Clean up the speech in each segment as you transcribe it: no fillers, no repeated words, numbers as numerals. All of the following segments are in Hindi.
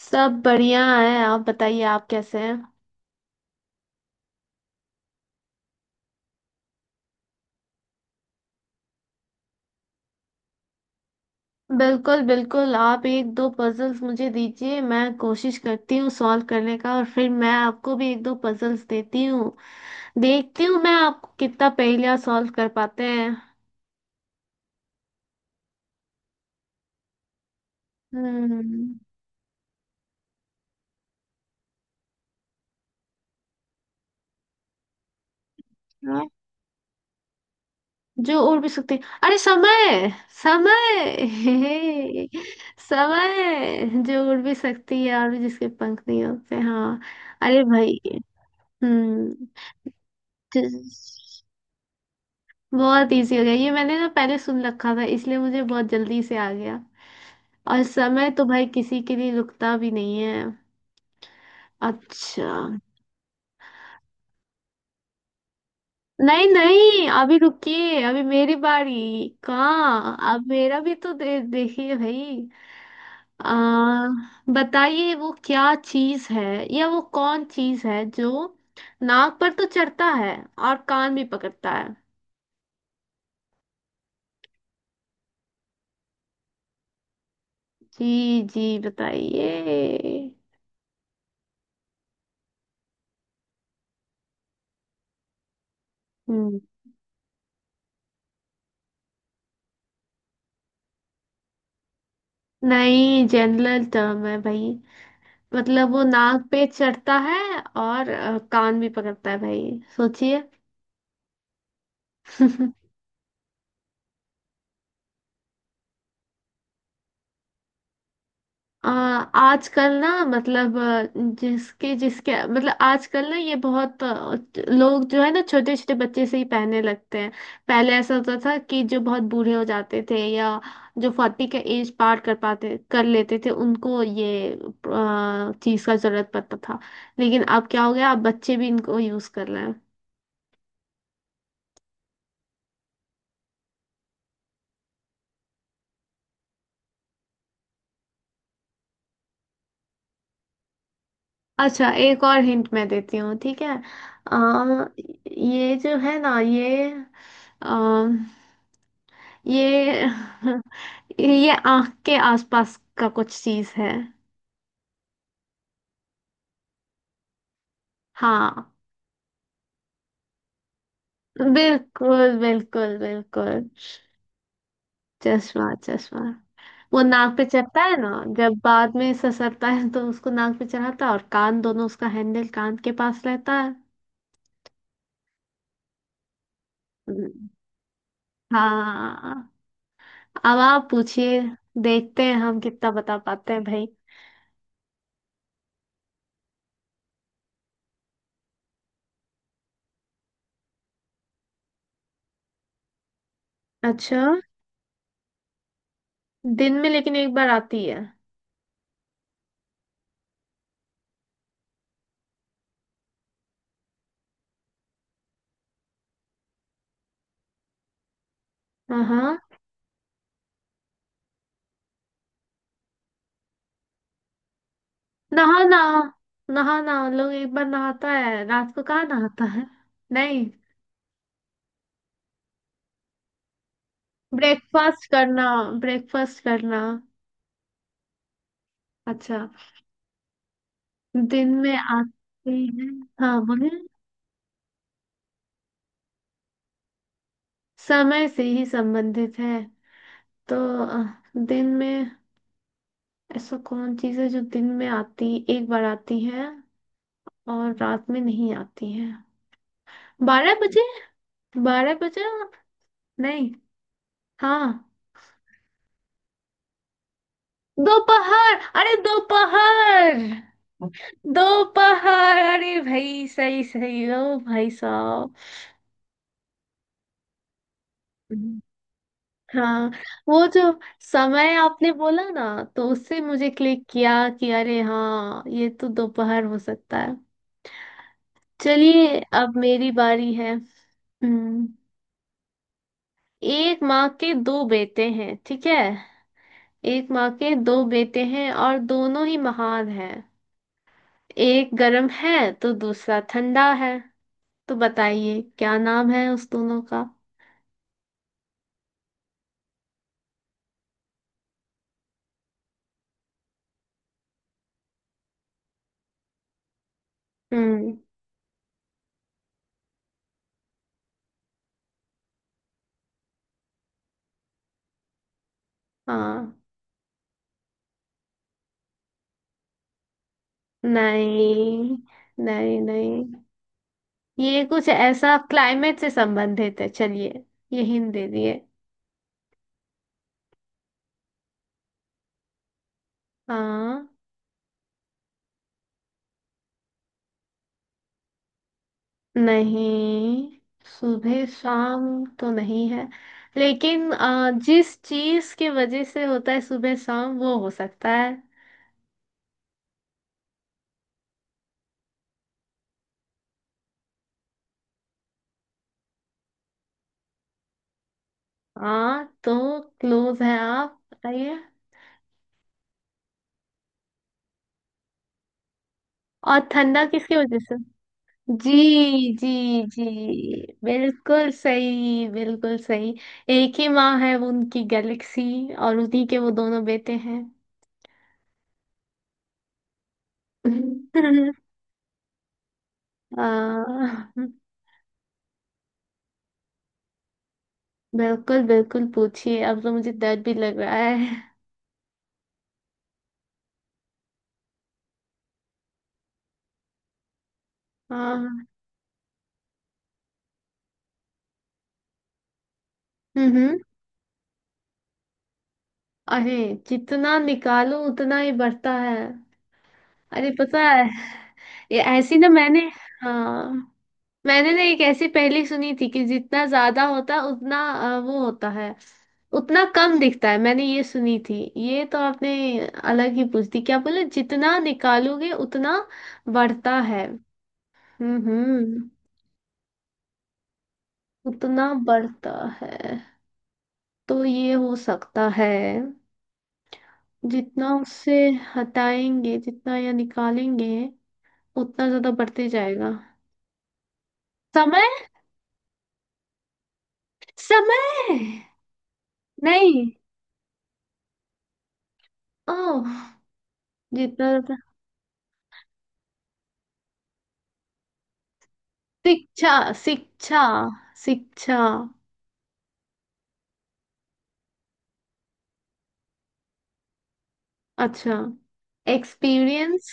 सब बढ़िया है। आप बताइए, आप कैसे हैं? बिल्कुल बिल्कुल, आप एक दो पजल्स मुझे दीजिए, मैं कोशिश करती हूँ सॉल्व करने का, और फिर मैं आपको भी एक दो पजल्स देती हूँ। देखती हूँ मैं आपको कितना पहेलियाँ सॉल्व कर पाते हैं। हम्म। हाँ, जो उड़ भी सकते हैं। अरे समय, समय हे, समय जो उड़ भी सकती है और जिसके पंख नहीं होते। हाँ। अरे भाई! हम्म। बहुत इजी हो गया, ये मैंने ना पहले सुन रखा था, इसलिए मुझे बहुत जल्दी से आ गया। और समय तो भाई किसी के लिए रुकता भी नहीं है। अच्छा। नहीं नहीं, अभी रुकिए, अभी मेरी बारी। कहाँ, अब मेरा भी तो देखिए भाई। आ, बताइए वो क्या चीज है, या वो कौन चीज है जो नाक पर तो चढ़ता है और कान भी पकड़ता है। जी जी, बताइए। हम्म। नहीं, जनरल टर्म है भाई। मतलब वो नाक पे चढ़ता है और कान भी पकड़ता है, भाई सोचिए। आजकल ना, मतलब जिसके जिसके मतलब आजकल ना, ये बहुत लोग जो है ना, छोटे छोटे बच्चे से ही पहनने लगते हैं। पहले ऐसा होता था कि जो बहुत बूढ़े हो जाते थे, या जो फोर्टी का एज पार कर पाते कर लेते थे, उनको ये चीज का जरूरत पड़ता था। लेकिन अब क्या हो गया, अब बच्चे भी इनको यूज कर रहे हैं। अच्छा, एक और हिंट मैं देती हूँ, ठीक है। आ, ये जो है ना, ये आ, ये ये आंख के आसपास का कुछ चीज है। हाँ। बिल्कुल बिल्कुल बिल्कुल। चश्मा चश्मा। वो नाक पे चढ़ता है ना। जब बाद में ससरता है तो उसको नाक पे चढ़ाता है और कान दोनों उसका हैंडल कान के पास रहता है। हम्म। हाँ, अब आप पूछिए। देखते हैं हम कितना बता पाते हैं भाई। अच्छा। दिन में, लेकिन एक बार आती है। हाँ हाँ। नहा ना, नहा ना। लोग एक बार नहाता है, रात को कहाँ नहाता है। नहीं। ब्रेकफास्ट करना, ब्रेकफास्ट करना। अच्छा। दिन में आती है। हाँ बोलिए। समय से ही संबंधित है। तो अ, दिन में ऐसा कौन चीज है जो दिन में आती, एक बार आती है और रात में नहीं आती है। बारह बजे, बारह बजे। नहीं। हाँ। दोपहर, अरे दोपहर! दोपहर, अरे भाई, सही सही। ओ भाई साहब! हम्म। हाँ, वो जो समय आपने बोला ना, तो उससे मुझे क्लिक किया कि अरे हाँ, ये तो दोपहर हो सकता है। चलिए, अब मेरी बारी है। हम्म। एक माँ के दो बेटे हैं, ठीक है। एक माँ के दो बेटे हैं और दोनों ही महान हैं। एक गर्म है तो दूसरा ठंडा है। तो बताइए क्या नाम है उस दोनों का। हम्म। हाँ। नहीं नहीं नहीं। ये कुछ ऐसा क्लाइमेट से संबंधित है। चलिए, ये हिंट दे दिए। हाँ। नहीं, सुबह शाम तो नहीं है, लेकिन जिस चीज की वजह से होता है सुबह शाम, वो हो सकता है। हाँ, तो क्लोज है, आप बताइए। और ठंडा किसकी वजह से। जी जी जी। बिल्कुल सही, बिल्कुल सही। एक ही माँ है, वो उनकी गैलेक्सी, और उन्हीं के वो दोनों बेटे हैं। आ, बिल्कुल बिल्कुल, पूछिए। अब तो मुझे डर भी लग रहा है। हाँ। हम्म हम्म। अरे, जितना निकालो उतना ही बढ़ता है। अरे पता है, ये ऐसी ना मैंने। हाँ। मैंने ना एक ऐसी पहेली सुनी थी कि जितना ज्यादा होता है उतना वो होता है, उतना कम दिखता है। मैंने ये सुनी थी। ये तो आपने अलग ही पूछ दी। क्या बोले, जितना निकालोगे उतना बढ़ता है। हम्म। उतना बढ़ता है, तो ये हो सकता है, जितना उससे हटाएंगे, जितना या निकालेंगे उतना ज्यादा बढ़ते जाएगा। समय। समय। नहीं। ओह। जितना ज्यादा, शिक्षा, शिक्षा, शिक्षा। अच्छा। एक्सपीरियंस।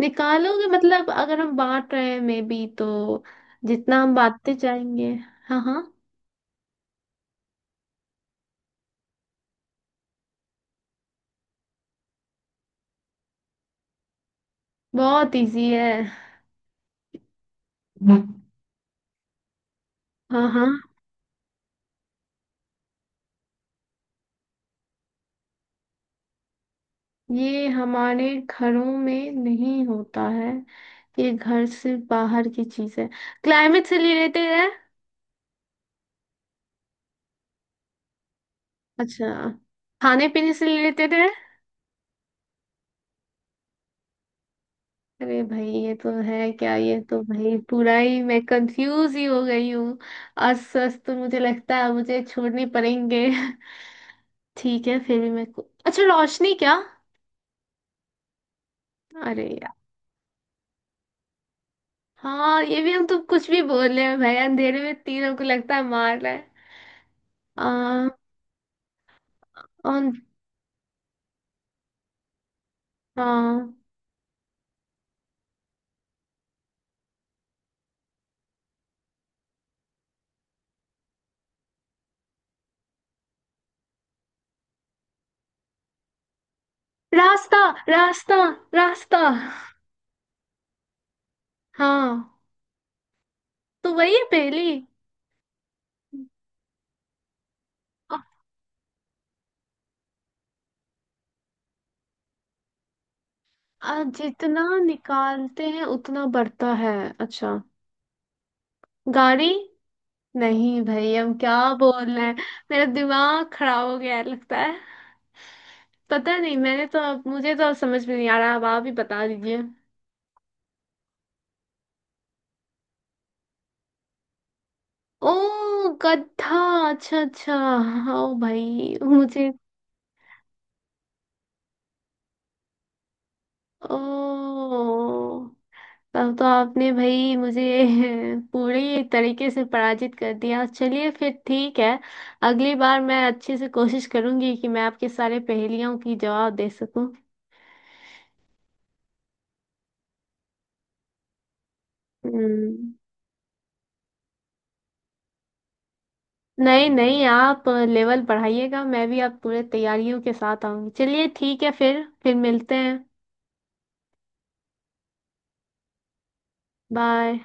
निकालोगे मतलब, अगर हम बांट रहे हैं मे बी, तो जितना हम बांटते जाएंगे। हाँ हाँ। बहुत इजी है। हम्म। हाँ हाँ। ये हमारे घरों में नहीं होता है, ये घर से बाहर की चीज है। क्लाइमेट से रिलेटेड है। अच्छा। खाने पीने से रिलेटेड है। अरे भाई, ये तो है क्या? ये तो भाई पूरा ही मैं कंफ्यूज ही हो गई हूँ। अस्त अस्त तो मुझे लगता है मुझे छोड़ने पड़ेंगे। ठीक है, फिर भी मैं अच्छा, रोशनी क्या। अरे यार। हाँ, ये भी हम तो कुछ भी बोल रहे हैं भाई, अंधेरे में तीनों को लगता है मार रहा है। आ, और, हाँ। रास्ता, रास्ता, रास्ता। हाँ, तो वही है पहली। अ- जितना निकालते हैं उतना बढ़ता है। अच्छा। गाड़ी। नहीं भाई, हम क्या बोल रहे हैं। मेरा दिमाग खराब हो गया है लगता है। पता नहीं, मैंने तो अब मुझे तो अब समझ में नहीं आ रहा। अब आप ही बता दीजिए। ओ। गधा। अच्छा अच्छा, हाँ। ओ भाई मुझे। ओ। तब तो आपने भाई मुझे पूरी तरीके से पराजित कर दिया। चलिए फिर ठीक है। अगली बार मैं अच्छे से कोशिश करूंगी कि मैं आपके सारे पहेलियों की जवाब दे सकूं। हम्म। नहीं नहीं, आप लेवल बढ़ाइएगा, मैं भी आप पूरे तैयारियों के साथ आऊंगी। चलिए ठीक है फिर मिलते हैं। बाय।